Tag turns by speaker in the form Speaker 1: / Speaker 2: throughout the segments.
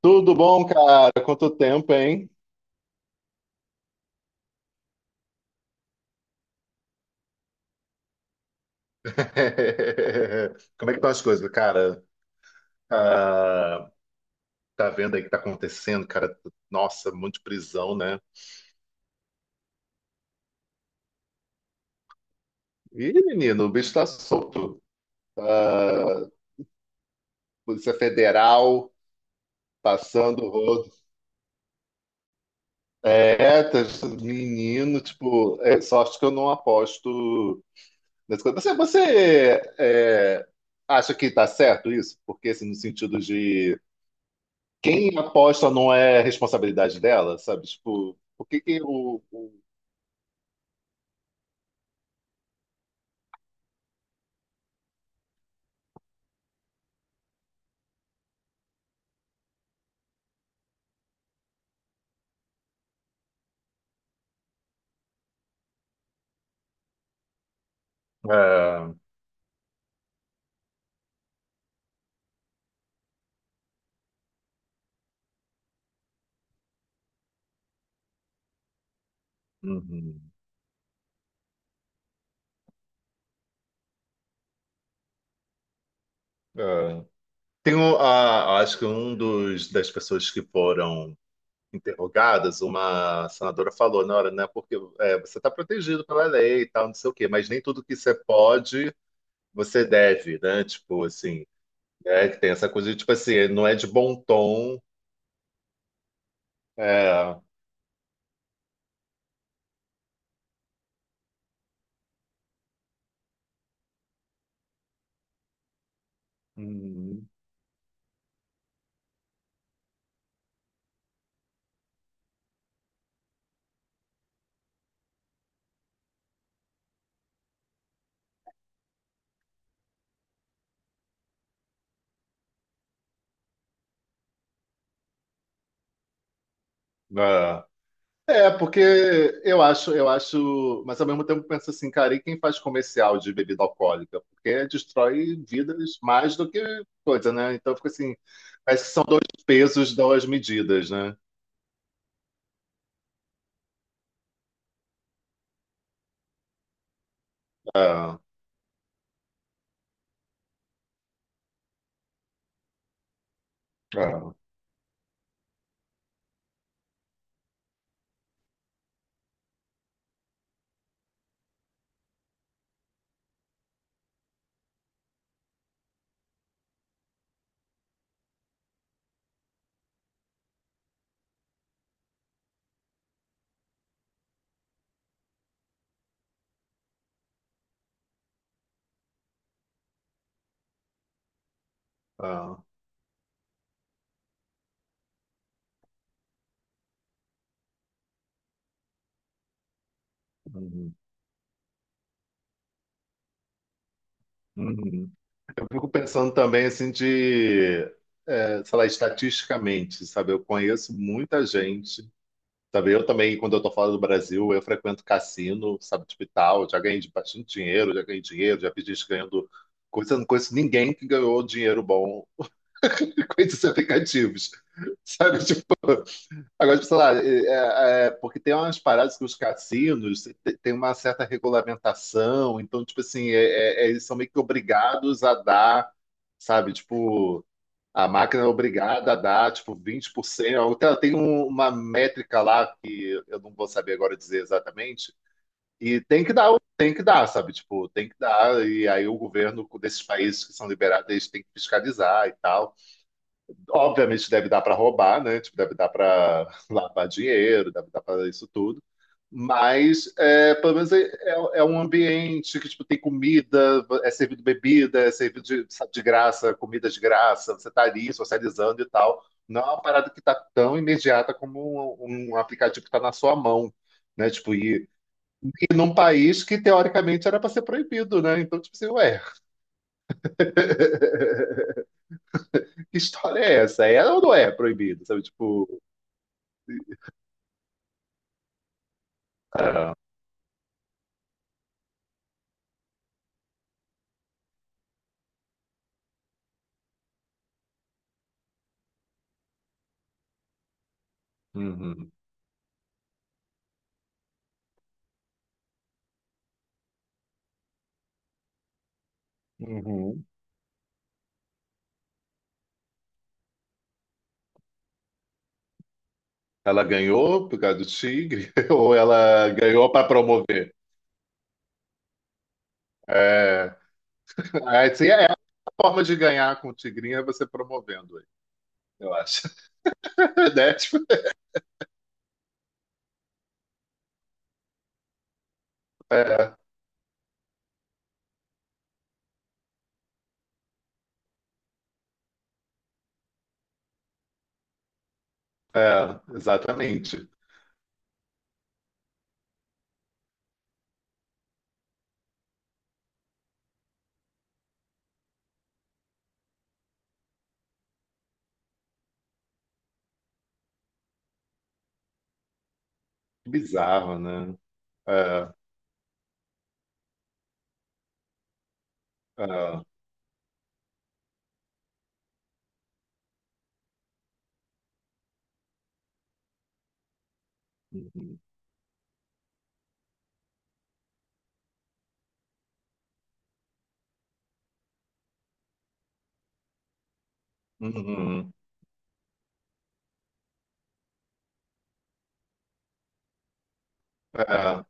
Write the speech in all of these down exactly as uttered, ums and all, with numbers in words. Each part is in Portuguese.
Speaker 1: Tudo bom, cara? Quanto tempo, hein? Como é que estão as coisas, cara? Ah, tá vendo aí o que tá acontecendo, cara? Nossa, muito prisão, né? Ih, menino, o bicho tá solto. Ah, Polícia Federal passando o rodo. É, tá- menino, tipo, é sorte que eu não aposto nessas coisas. Você, você, é, acha que tá certo isso? Porque, assim, no sentido de quem aposta não é responsabilidade dela, sabe? Tipo, por que que o, o- É, uhum, é. Tem o- a- acho que um dos das pessoas que foram interrogadas, uma senadora falou na hora, né? Porque é, você está protegido pela lei e tal, não sei o quê, mas nem tudo que você pode, você deve, né? Tipo assim, é que tem essa coisa de tipo assim, não é de bom tom. É, uhum, é. É, porque eu acho, eu acho, mas ao mesmo tempo eu penso assim, cara, e quem faz comercial de bebida alcoólica? Porque destrói vidas mais do que coisa, né? Então fica assim, parece que são dois pesos, duas medidas, né? Ah, ah, ah, uhum, uhum. Eu fico pensando também assim de, é, sei lá, estatisticamente, sabe? Eu conheço muita gente. Sabe, eu também, quando eu tô fora do Brasil, eu frequento cassino, sabe, tipo e tal. Já ganhei de- bastante dinheiro, já ganhei dinheiro, já vi gente ganhando coisa. Não conheço ninguém que ganhou dinheiro bom com esses aplicativos, sabe? Tipo, agora, tipo, sei lá, é- é- é, porque tem umas paradas que os cassinos te- tem uma certa regulamentação, então, tipo assim, é- é- é, eles são meio que obrigados a dar, sabe, tipo. A máquina é obrigada a dar, tipo, vinte por cento. Ela tem um- uma métrica lá que eu não vou saber agora dizer exatamente. E tem que dar, tem que dar, sabe? Tipo, tem que dar. E aí o governo desses países que são liberados, eles têm que fiscalizar e tal. Obviamente deve dar para roubar, né? Tipo, deve dar para lavar dinheiro, deve dar para isso tudo. Mas é, pelo menos é, é- é um ambiente que tipo, tem comida, é servido bebida, é servido de, sabe, de graça, comida de graça, você está ali socializando e tal. Não é uma parada que está tão imediata como um, um aplicativo que está na sua mão, né? Tipo, e, e num país que teoricamente era para ser proibido, né? Então, tipo assim, ué, que história é essa? É ou não é proibido? Sabe, tipo. Uhum. Uhum. Ela ganhou por causa do tigre? Ou ela ganhou para promover? É, é, assim, é a forma de ganhar com o tigrinho é você promovendo ele, eu acho. Né? Tipo. É, é, exatamente. Bizarro, né? É, é. Uhum. Uhum. É.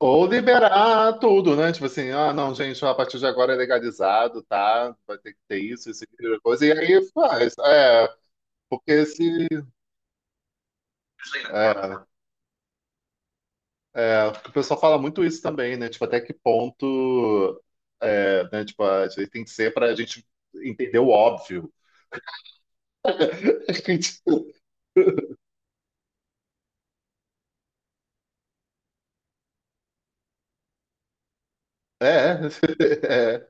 Speaker 1: Ou liberar tudo, né? Tipo assim, ah, não, gente, a partir de agora é legalizado, tá? Vai ter que ter isso, isso, aquilo, coisa. E aí faz. É, porque se. É, É, porque o pessoal fala muito isso também, né? Tipo, até que ponto, é, né? Tipo, a gente tem que ser para a gente entender o óbvio. É, é, é,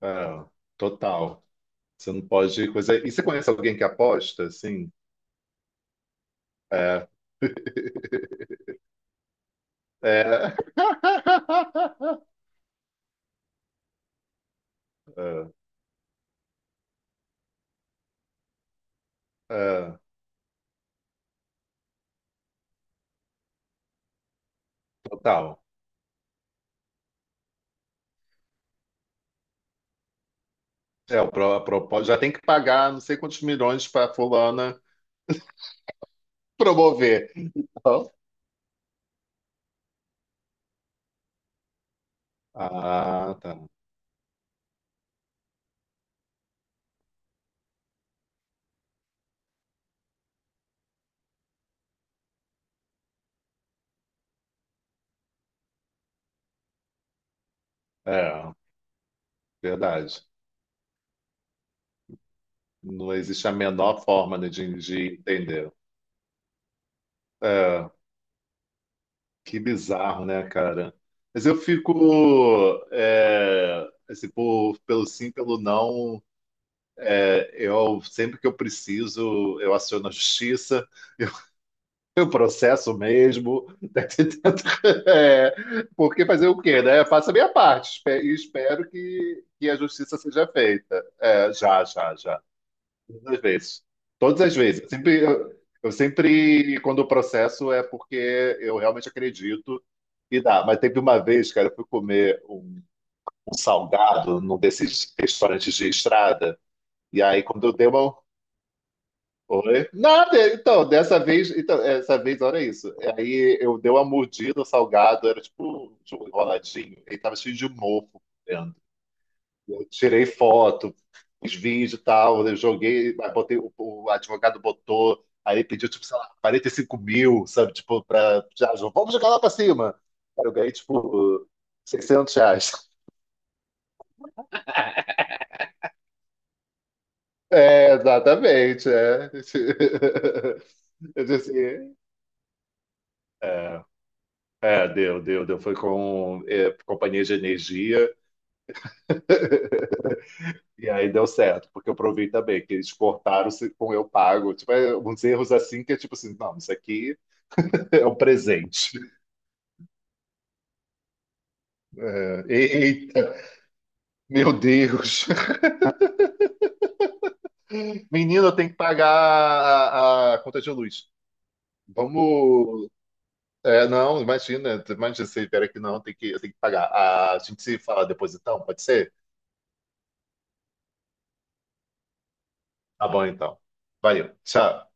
Speaker 1: Ah, total. Você não pode coisa. E você conhece alguém que aposta, assim? É, é, é, é, total. É, o pro, a propo- já tem que pagar não sei quantos milhões para fulana promover. Então. Ah, tá. É, verdade. Não existe a menor forma, né, de, de entender. É, que bizarro, né, cara? Mas eu fico, é, assim, por- pelo sim, pelo não, é, eu sempre que eu preciso, eu aciono a justiça, eu, eu processo mesmo, né, tento, é, porque fazer o quê, né? Eu faço a minha parte espe- e espero que, que a justiça seja feita. É, já, já, já. Todas as vezes. Todas as vezes. Eu sempre, eu, eu sempre, quando o processo é porque eu realmente acredito e dá. Mas teve uma vez, cara, eu fui comer um, um salgado num desses restaurantes de estrada. E aí, quando eu dei uma. Oi? Nada! Então, dessa vez, então, essa vez, olha isso. Aí eu dei uma mordida no salgado, era tipo um enroladinho. Ele tava cheio de mofo dentro. Eu tirei foto, fiz vídeo e tal, eu joguei, aí botei, o, o advogado botou, aí pediu, tipo, sei lá, 45 mil, sabe? Tipo, pra. Já, vamos jogar lá pra cima. Cara, eu ganhei, tipo, seiscentos reais. É, exatamente, é. Eu disse assim, é, deu, deu, deu. Foi com é, companhia de energia e aí deu certo, porque eu provei também que eles cortaram se- com eu pago. Tipo, é, uns erros assim que é tipo assim, não, isso aqui é um presente. É, eita, meu Deus. Menino, eu tenho que pagar a, a conta de luz. Vamos. É, não, imagina, imagina, você espera que não, tem que, eu tenho que pagar. Ah, a gente se fala depois então, pode ser? Tá bom então. Valeu, tchau.